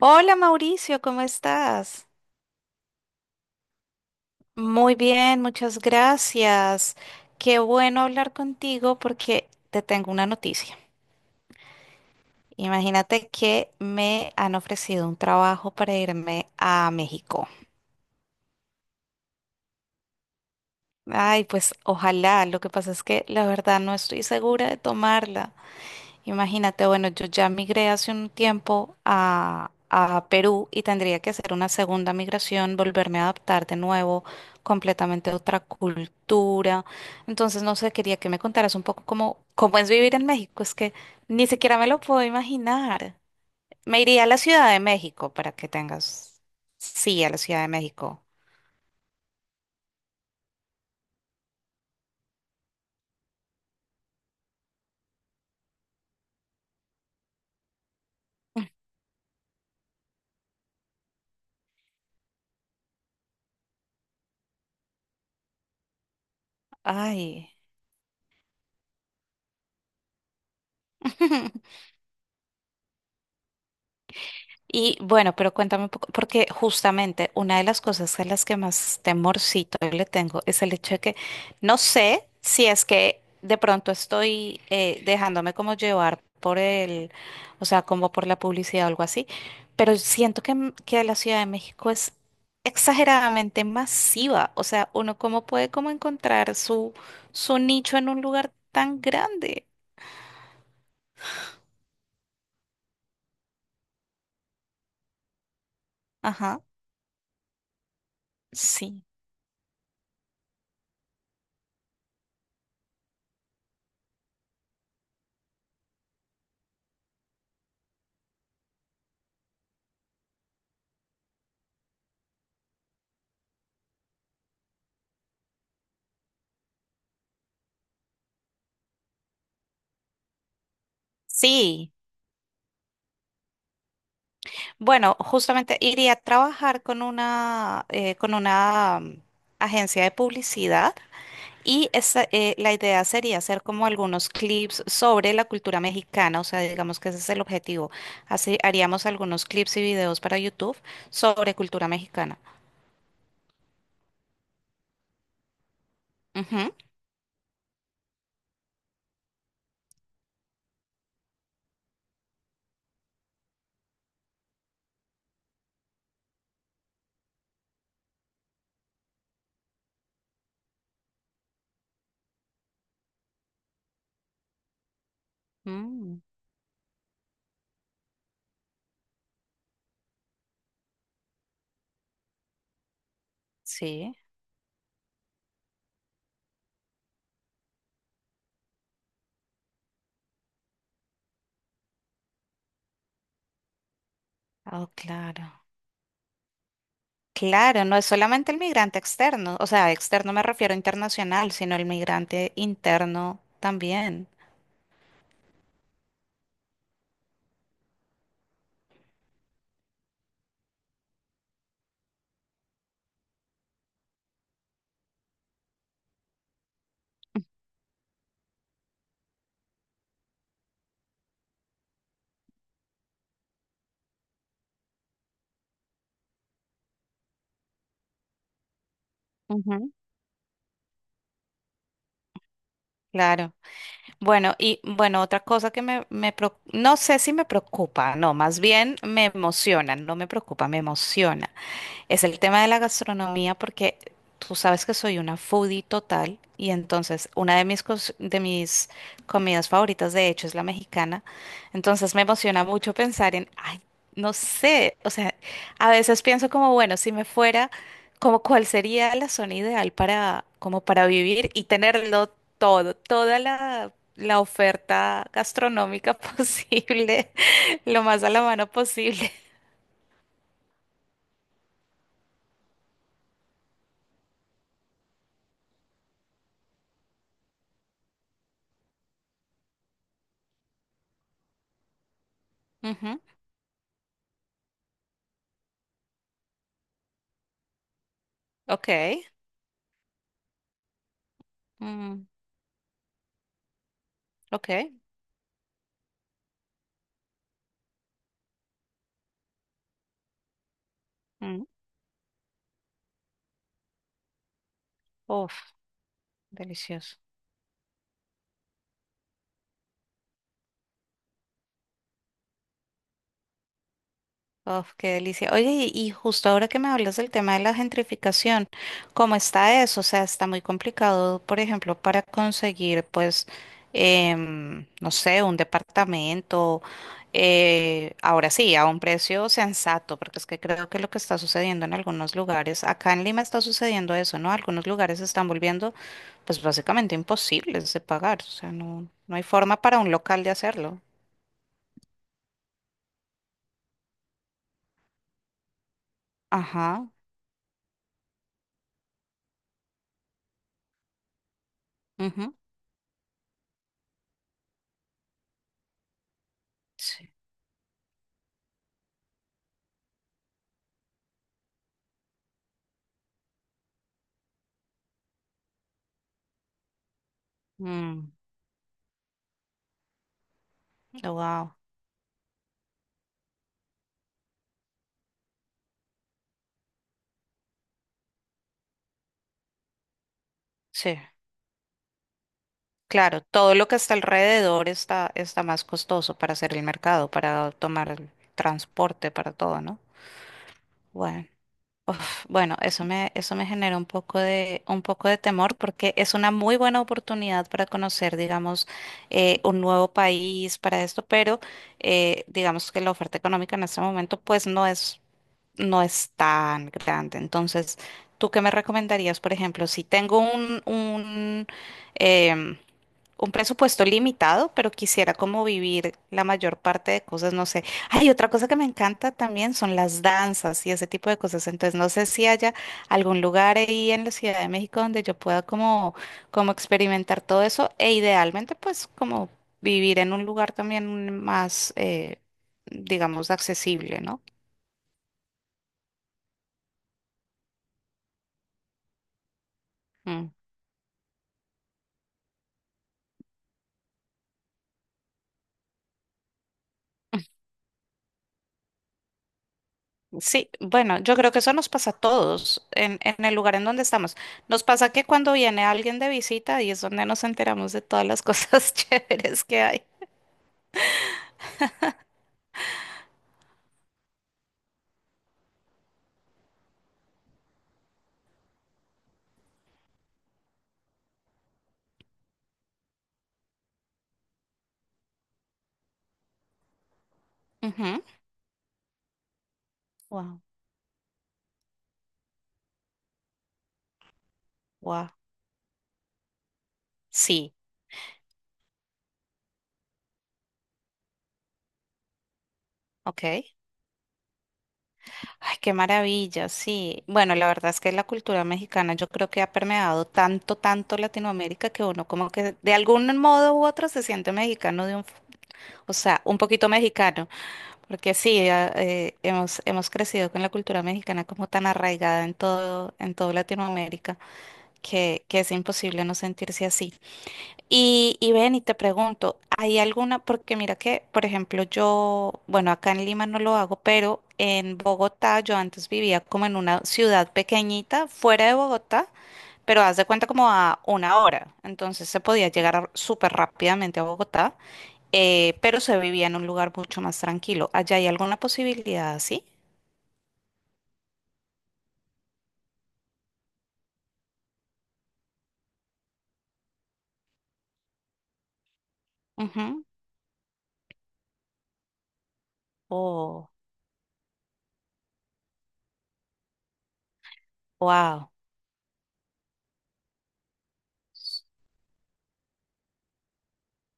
Hola Mauricio, ¿cómo estás? Muy bien, muchas gracias. Qué bueno hablar contigo porque te tengo una noticia. Imagínate que me han ofrecido un trabajo para irme a México. Ay, pues ojalá. Lo que pasa es que la verdad no estoy segura de tomarla. Imagínate, bueno, yo ya migré hace un tiempo a Perú y tendría que hacer una segunda migración, volverme a adaptar de nuevo, completamente a otra cultura. Entonces, no sé, quería que me contaras un poco cómo, cómo es vivir en México. Es que ni siquiera me lo puedo imaginar. Me iría a la Ciudad de México para que tengas... Sí, a la Ciudad de México. Ay. Y bueno, pero cuéntame un poco, porque justamente una de las cosas a las que más temorcito le tengo es el hecho de que no sé si es que de pronto estoy dejándome como llevar por o sea, como por la publicidad o algo así, pero siento que la Ciudad de México es exageradamente masiva, o sea, uno cómo puede como encontrar su nicho en un lugar tan grande. Ajá, sí, sí. Bueno, justamente iría a trabajar con una, con una agencia de publicidad y esa, la idea sería hacer como algunos clips sobre la cultura mexicana, o sea, digamos que ese es el objetivo. Así haríamos algunos clips y videos para YouTube sobre cultura mexicana. Ujú. Mm, sí, oh, claro. Claro, no es solamente el migrante externo, o sea, externo me refiero a internacional, sino el migrante interno también. Ujú. Claro. Bueno, y bueno, otra cosa que me preocu- no sé si me preocupa, no, más bien me emociona, no me preocupa, me emociona. Es el tema de la gastronomía porque tú sabes que soy una foodie total y entonces una de mis, cos- de mis comidas favoritas de hecho es la mexicana. Entonces me emociona mucho pensar en, ay, no sé, o sea, a veces pienso como, bueno, si me fuera, como cuál sería la zona ideal para, como para vivir y tenerlo todo, toda la la oferta gastronómica posible, lo más a la mano posible. Ujú. Ok. Mm, ok. Mm. Uf, delicioso. Uf, qué delicia. Oye, y justo ahora que me hablas del tema de la gentrificación, ¿cómo está eso? O sea, está muy complicado, por ejemplo, para conseguir, pues, no sé, un departamento, ahora sí, a un precio sensato, porque es que creo que lo que está sucediendo en algunos lugares, acá en Lima está sucediendo eso, ¿no? Algunos lugares se están volviendo, pues, básicamente imposibles de pagar. O sea, no, no hay forma para un local de hacerlo. Ajá. Ujú. Sí. Mm, wow. Sí, claro, todo lo que está alrededor está, está más costoso para hacer el mercado, para tomar el transporte, para todo, ¿no? Bueno, uf, bueno, eso me genera un poco de temor porque es una muy buena oportunidad para conocer, digamos, un nuevo país para esto, pero digamos que la oferta económica en este momento pues no es, no es tan grande. Entonces, ¿tú qué me recomendarías, por ejemplo, si tengo un em, un presupuesto limitado, pero quisiera como vivir la mayor parte de cosas, no sé. Hay otra cosa que me encanta también son las danzas y ese tipo de cosas. Entonces, no sé si haya algún lugar ahí en la Ciudad de México donde yo pueda como, como experimentar todo eso e idealmente pues como vivir en un lugar también más, digamos, accesible, ¿no? Mm. Sí, bueno, yo creo que eso nos pasa a todos en el lugar en donde estamos. Nos pasa que cuando viene alguien de visita y es donde nos enteramos de todas las cosas chéveres que hay. Ujú. Wow, wow. Sí, ok. Ay, qué maravilla, sí. Bueno, la verdad es que la cultura mexicana yo creo que ha permeado tanto, tanto Latinoamérica que uno como que de algún modo u otro se siente mexicano de un, f- o sea, un poquito mexicano. Porque sí, a- hemos, hemos crecido con la cultura mexicana como tan arraigada en todo Latinoamérica que es imposible no sentirse así. Y ven y te pregunto, ¿hay alguna? Porque mira que, por ejemplo, yo, bueno, acá en Lima no lo hago, pero en Bogotá yo antes vivía como en una ciudad pequeñita fuera de Bogotá, pero haz de cuenta como a una hora. Entonces se podía llegar a- súper rápidamente a Bogotá, pero se vivía en un lugar mucho más tranquilo. ¿Allá hay alguna posibilidad así? Ujú. Oh, wow.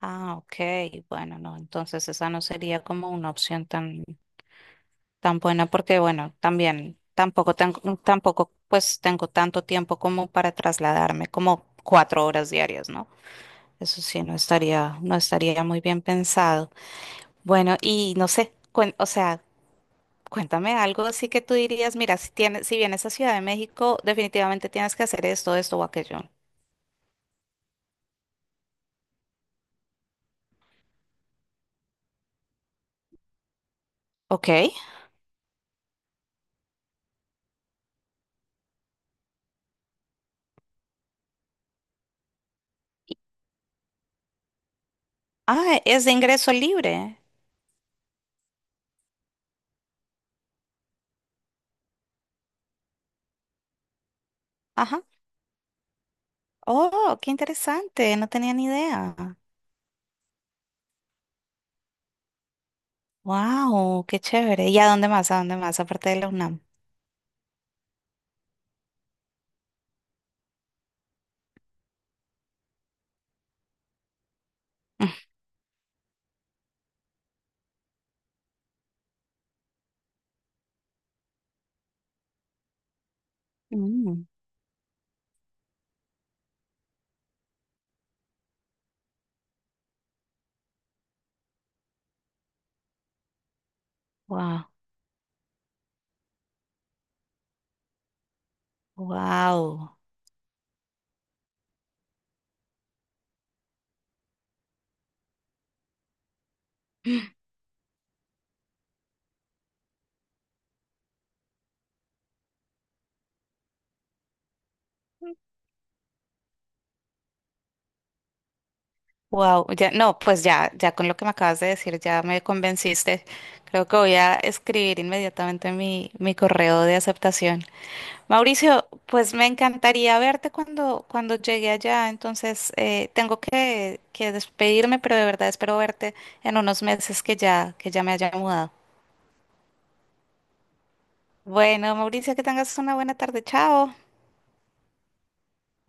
Ah, ok. Bueno, no, entonces esa no sería como una opción tan... tan buena porque, bueno, también tampoco tengo, tampoco pues tengo tanto tiempo como para trasladarme, como 4 horas diarias, ¿no? Eso sí, no estaría, no estaría muy bien pensado. Bueno, y no sé, cuen- o sea, cuéntame algo así que tú dirías, mira, si tienes, si vienes a Ciudad de México, definitivamente tienes que hacer esto, esto o aquello. Ok. Ah, es de ingreso libre. Ajá. Oh, qué interesante. No tenía ni idea. Wow, qué chévere. ¿Y a dónde más? ¿A dónde más? Aparte de la UNAM. Mm, wow, wow, wow. Ya, no, pues ya, ya con lo que me acabas de decir, ya me convenciste. Creo que voy a escribir inmediatamente mi, mi correo de aceptación. Mauricio, pues me encantaría verte cuando, cuando llegue allá. Entonces, tengo que despedirme, pero de verdad espero verte en unos meses que ya me haya mudado. Bueno, Mauricio, que tengas una buena tarde. Chao.